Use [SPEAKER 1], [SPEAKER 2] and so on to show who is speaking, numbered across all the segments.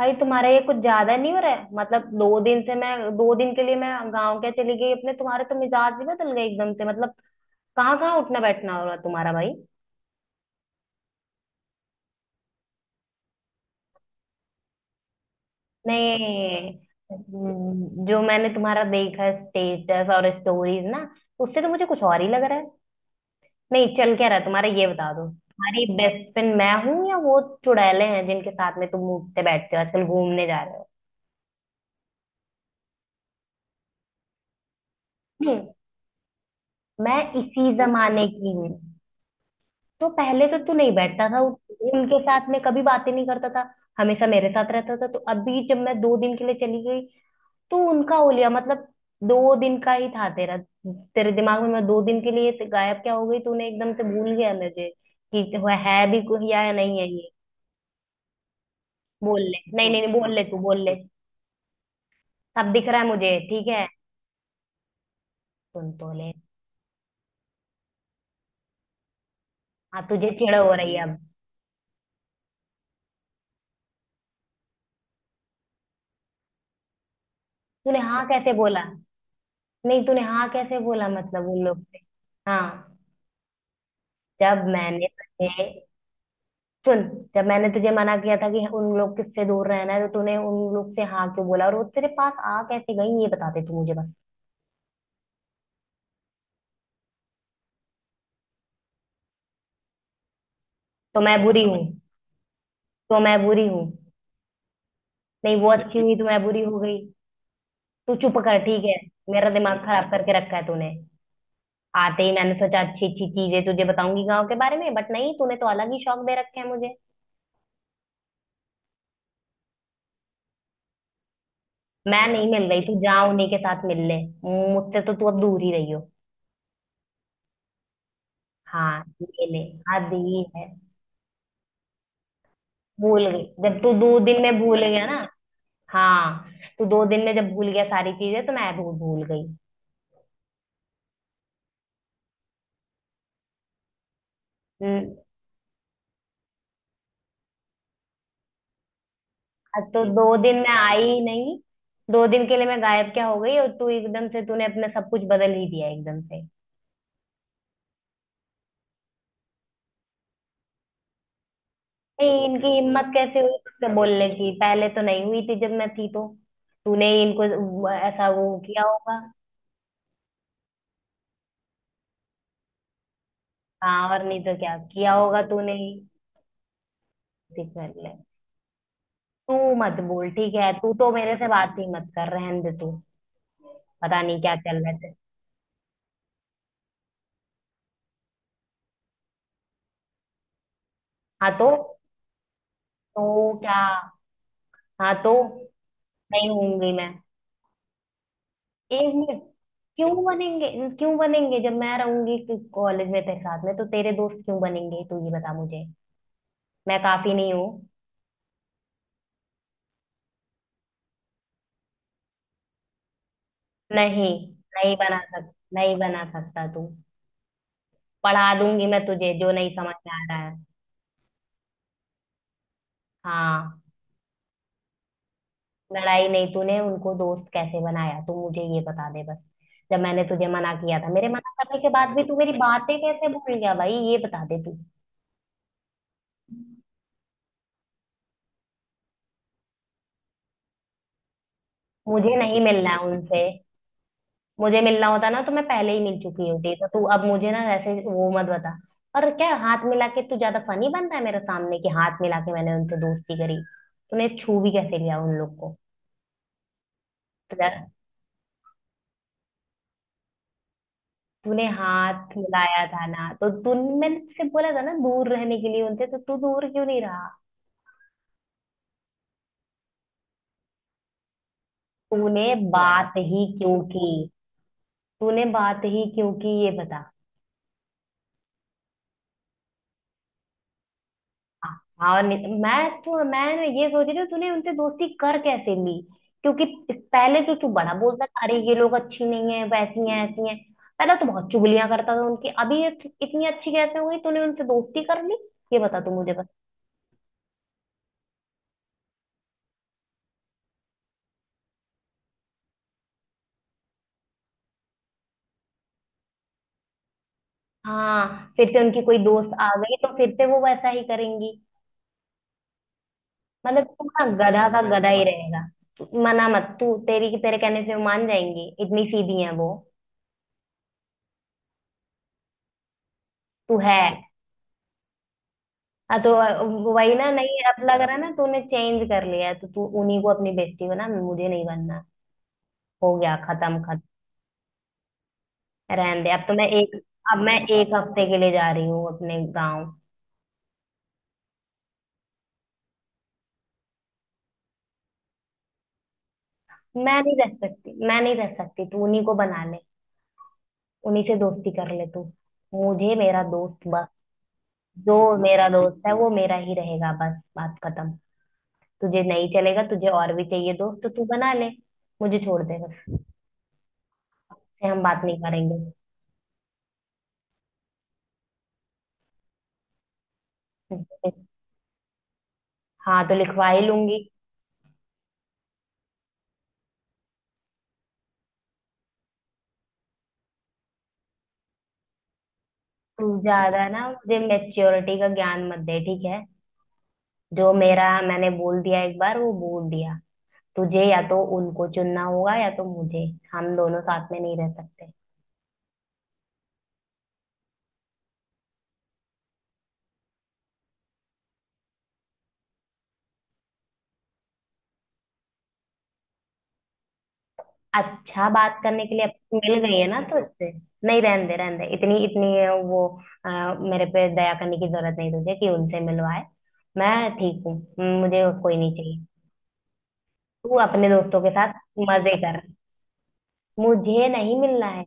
[SPEAKER 1] भाई तुम्हारा ये कुछ ज्यादा नहीं हो रहा है। मतलब 2 दिन के लिए मैं गांव क्या चली गई अपने, तुम्हारे तो मिजाज भी बदल गए एकदम से। मतलब कहाँ कहाँ उठना बैठना हो रहा है तुम्हारा भाई? नहीं। जो मैंने तुम्हारा देखा है स्टेटस और स्टोरीज ना, उससे तो मुझे कुछ और ही लग रहा है। नहीं, चल क्या रहा है तुम्हारा ये बता दो। तुम्हारी बेस्ट फ्रेंड मैं हूँ या वो चुड़ैले हैं जिनके साथ में तुम उठते बैठते हो आजकल घूमने जा रहे हो? हम्म। मैं इसी जमाने की हूँ। तो पहले तो तू नहीं बैठता था उनके साथ में, कभी बातें नहीं करता था। हमेशा मेरे साथ रहता था। तो अभी जब मैं 2 दिन के लिए चली गई तो उनका हो लिया मतलब। दो दिन का ही था तेरा? तेरे दिमाग में मैं दो दिन के लिए गायब क्या हो गई, तूने एकदम से भूल गया मुझे कि वह है भी कोई या नहीं है ये। बोल ले, नहीं नहीं नहीं, बोल ले तू बोल ले। सब दिख रहा है मुझे ठीक है। सुन तो ले। हाँ, तुझे चिड़ हो रही है अब? तूने हाँ कैसे बोला? नहीं, तूने हाँ कैसे बोला मतलब उन लोग से? हाँ। जब मैंने तुझे, सुन, जब मैंने तुझे मना किया था कि उन लोग किससे दूर रहना है, तो तूने उन लोग से हाँ क्यों बोला? और वो तेरे पास आ कैसे गई ये बता दे तू मुझे बस। तो मैं बुरी हूँ? तो मैं बुरी हूँ? नहीं, वो अच्छी देखिए हुई तो मैं बुरी हो गई। तू चुप कर ठीक है। मेरा दिमाग खराब करके रखा है तूने। आते ही मैंने सोचा अच्छी अच्छी चीजें तुझे बताऊंगी गाँव के बारे में, बट नहीं, तूने तो अलग ही शौक दे रखे हैं मुझे। मैं नहीं मिल रही, तू जा उन्हीं के साथ मिल ले। मुझसे तो तू अब दूर ही रही हो। हाँ ये ले। हाँ दी है। भूल गई। जब तू 2 दिन में भूल गया ना। हाँ। तू दो दिन में जब भूल गया सारी चीजें, तो मैं भी भूल गई। हम्म, अब तो 2 दिन में आई ही नहीं। दो दिन के लिए मैं गायब क्या हो गई और तू एकदम से तूने अपना सब कुछ बदल ही दिया एकदम से। नहीं, इनकी हिम्मत कैसे हुई तुझसे बोलने की? पहले तो नहीं हुई थी जब मैं थी तो। तूने ही इनको ऐसा वो किया होगा। हाँ और नहीं तो क्या किया होगा, तूने ही। देख कर ले। तू मत बोल ठीक है, तू तो मेरे से बात ही मत कर, रहने दे तू। पता नहीं क्या चल रहा है। हाँ तो। तो क्या? हाँ तो। नहीं होंगी मैं। 1 मिनट। क्यों बनेंगे? क्यों बनेंगे जब मैं रहूंगी कॉलेज में तेरे साथ में, तो तेरे दोस्त क्यों बनेंगे तू ये बता मुझे? मैं काफी नहीं हूँ? नहीं, नहीं बना सक नहीं बना सकता तू। पढ़ा दूंगी मैं तुझे जो नहीं समझ में आ रहा है। हाँ। लड़ाई नहीं, तूने उनको दोस्त कैसे बनाया तू मुझे ये बता दे बस। जब मैंने तुझे मना किया था, मेरे मना करने के बाद भी तू मेरी बातें कैसे भूल गया भाई ये बता दे तू। मुझे नहीं मिलना है उनसे। मुझे मिलना होता ना तो मैं पहले ही मिल चुकी होती, तो तू अब मुझे ना ऐसे वो मत बता। और क्या हाथ मिला के तू ज्यादा फनी बन रहा है मेरे सामने कि हाथ मिला के मैंने उनसे दोस्ती करी? तूने छू भी कैसे लिया उन लोग को? तूने तूने हाथ मिलाया था ना तो तू। मैंने तुझसे बोला था ना दूर रहने के लिए उनसे, तो तू दूर क्यों नहीं रहा? तूने यार बात ही क्यों की? तूने बात ही क्यों की ये बता। हाँ और मैं ना ये सोच रही हूँ तूने उनसे दोस्ती कर कैसे ली। क्योंकि पहले तो तू बड़ा बोलता था अरे ये लोग अच्छी नहीं है, वैसी हैं ऐसी हैं। पहले तो बहुत चुगलियां करता था उनकी, अभी ये इतनी अच्छी कैसे हो गई तूने उनसे दोस्ती कर ली? ये बता तू मुझे बस। हाँ, फिर से उनकी कोई दोस्त आ गई तो फिर से वो वैसा ही करेंगी। मतलब तू ना गधा का गधा ही रहेगा। मना मत, तू तेरी तेरे कहने से वो मान जाएंगी, इतनी सीधी है वो। तू है। हाँ तो। वही ना, नहीं अब लग रहा ना तूने चेंज कर लिया है, तो तू उन्हीं को अपनी बेस्टी बना, मुझे नहीं बनना। हो गया, खत्म खत्म। रहने दे, अब तो मैं एक, अब मैं एक हफ्ते के लिए जा रही हूँ अपने गाँव। मैं नहीं रह सकती, मैं नहीं रह सकती, तू उन्हीं को बना ले। उन्हीं से दोस्ती कर ले तू। मुझे मेरा दोस्त बस। जो मेरा दोस्त है वो मेरा ही रहेगा बस, बात खत्म। तुझे नहीं चलेगा, तुझे और भी चाहिए दोस्त तो तू बना ले। मुझे छोड़ दे बस। से हम बात नहीं करेंगे। हाँ, तो लिखवा ही लूंगी। तू ज्यादा ना मुझे मैच्योरिटी का ज्ञान मत दे ठीक है। जो मेरा मैंने बोल दिया एक बार वो बोल दिया। तुझे या तो उनको चुनना होगा या तो मुझे। हम दोनों साथ में नहीं रह सकते। अच्छा, बात करने के लिए अब मिल गई है ना तो उससे? नहीं रहने दे रहने दे, इतनी इतनी। वो, अ, मेरे पे दया करने की जरूरत नहीं तुझे कि उनसे मिलवाए। मैं ठीक हूँ। मुझे कोई नहीं चाहिए। तू अपने दोस्तों के साथ मजे कर। मुझे नहीं मिलना है।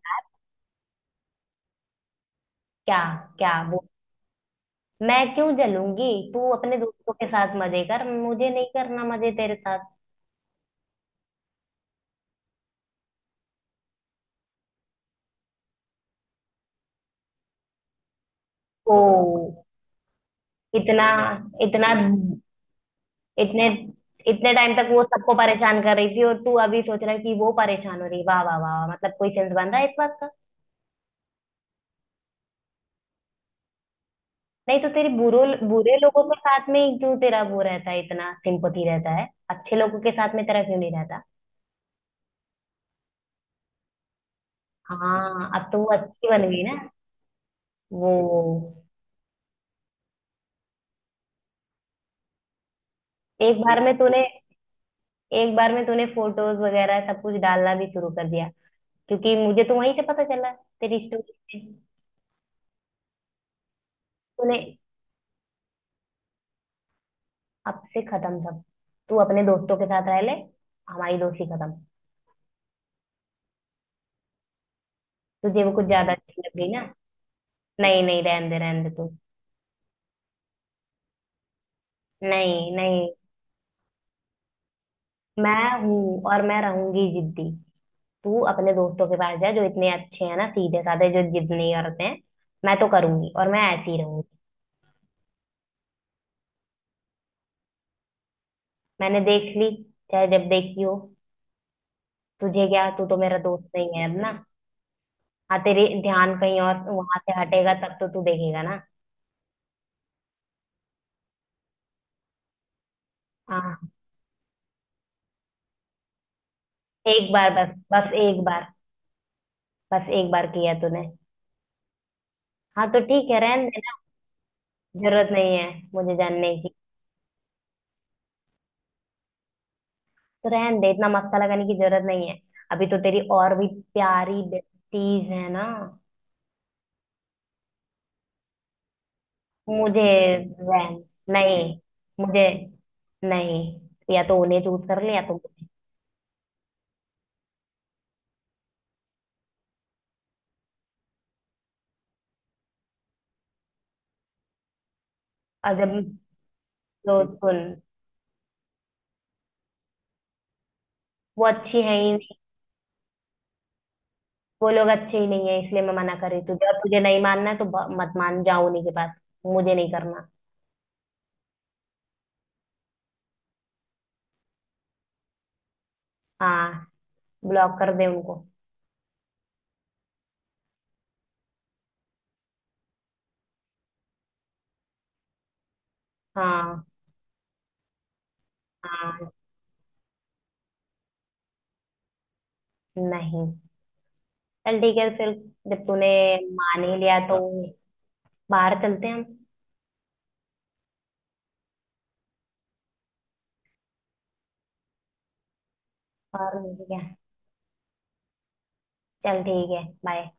[SPEAKER 1] क्या? क्या? मैं क्यों जलूंगी? तू अपने दोस्तों के साथ मजे कर, मुझे नहीं करना मजे तेरे साथ। ओ, इतना इतना, इतने इतने टाइम तक वो सबको परेशान कर रही थी और तू अभी सोच रहा है कि वो परेशान हो रही है। वाह वाह वाह वाह। मतलब कोई सेंस बन रहा है इस बात का? नहीं तो तेरी बुरो बुरे लोगों के साथ में ही क्यों तेरा वो रहता है, इतना सिंपथी रहता है, अच्छे लोगों के साथ में तेरा क्यों नहीं रहता? हाँ अब तो वो अच्छी बन गई ना। वो एक बार में तूने, एक बार में तूने फोटोज वगैरह सब कुछ डालना भी शुरू कर दिया। क्योंकि मुझे तो वहीं से पता चला, तेरी स्टोरी से। तूने, अब से खत्म सब। तू अपने दोस्तों के साथ रह ले, हमारी दोस्ती खत्म। तुझे वो कुछ ज्यादा अच्छी लग गई ना? नहीं नहीं, रहने दे रहने दे तू। नहीं नहीं। मैं हूं और मैं रहूंगी जिद्दी। तू अपने दोस्तों के पास जा जो इतने अच्छे हैं ना, सीधे साधे, जो जिद नहीं करते हैं। मैं तो करूंगी और मैं ऐसी ही रहूंगी। मैंने देख ली, चाहे जब देखी हो। तुझे क्या, तू तो मेरा दोस्त नहीं है अब ना। हाँ, तेरे ध्यान कहीं और वहां से हटेगा तब तो तू देखेगा ना। हाँ। एक बार, बस बस एक बार। बस एक बार किया तूने। हाँ तो ठीक है रहन देना। जरूरत नहीं है मुझे जानने की। तो रहन दे, इतना मस्का लगाने की जरूरत नहीं है। अभी तो तेरी और भी प्यारी बेटीज है ना। मुझे रहन। नहीं। मुझे नहीं, या तो उन्हें चूज कर ले या तो मुझे। और जब। तो सुन। वो अच्छी है ही नहीं। वो लोग अच्छे ही नहीं है इसलिए मैं मना कर रही हूँ तुझे, अब तुझे नहीं मानना है तो मत मान जाओ उन्हीं के पास। मुझे नहीं करना। हाँ, ब्लॉक कर दे उनको। हाँ। हाँ। नहीं, चल ठीक है फिर, जब तूने मान ही लिया तो बाहर चलते हैं हम। और नहीं तो क्या। चल ठीक है बाय।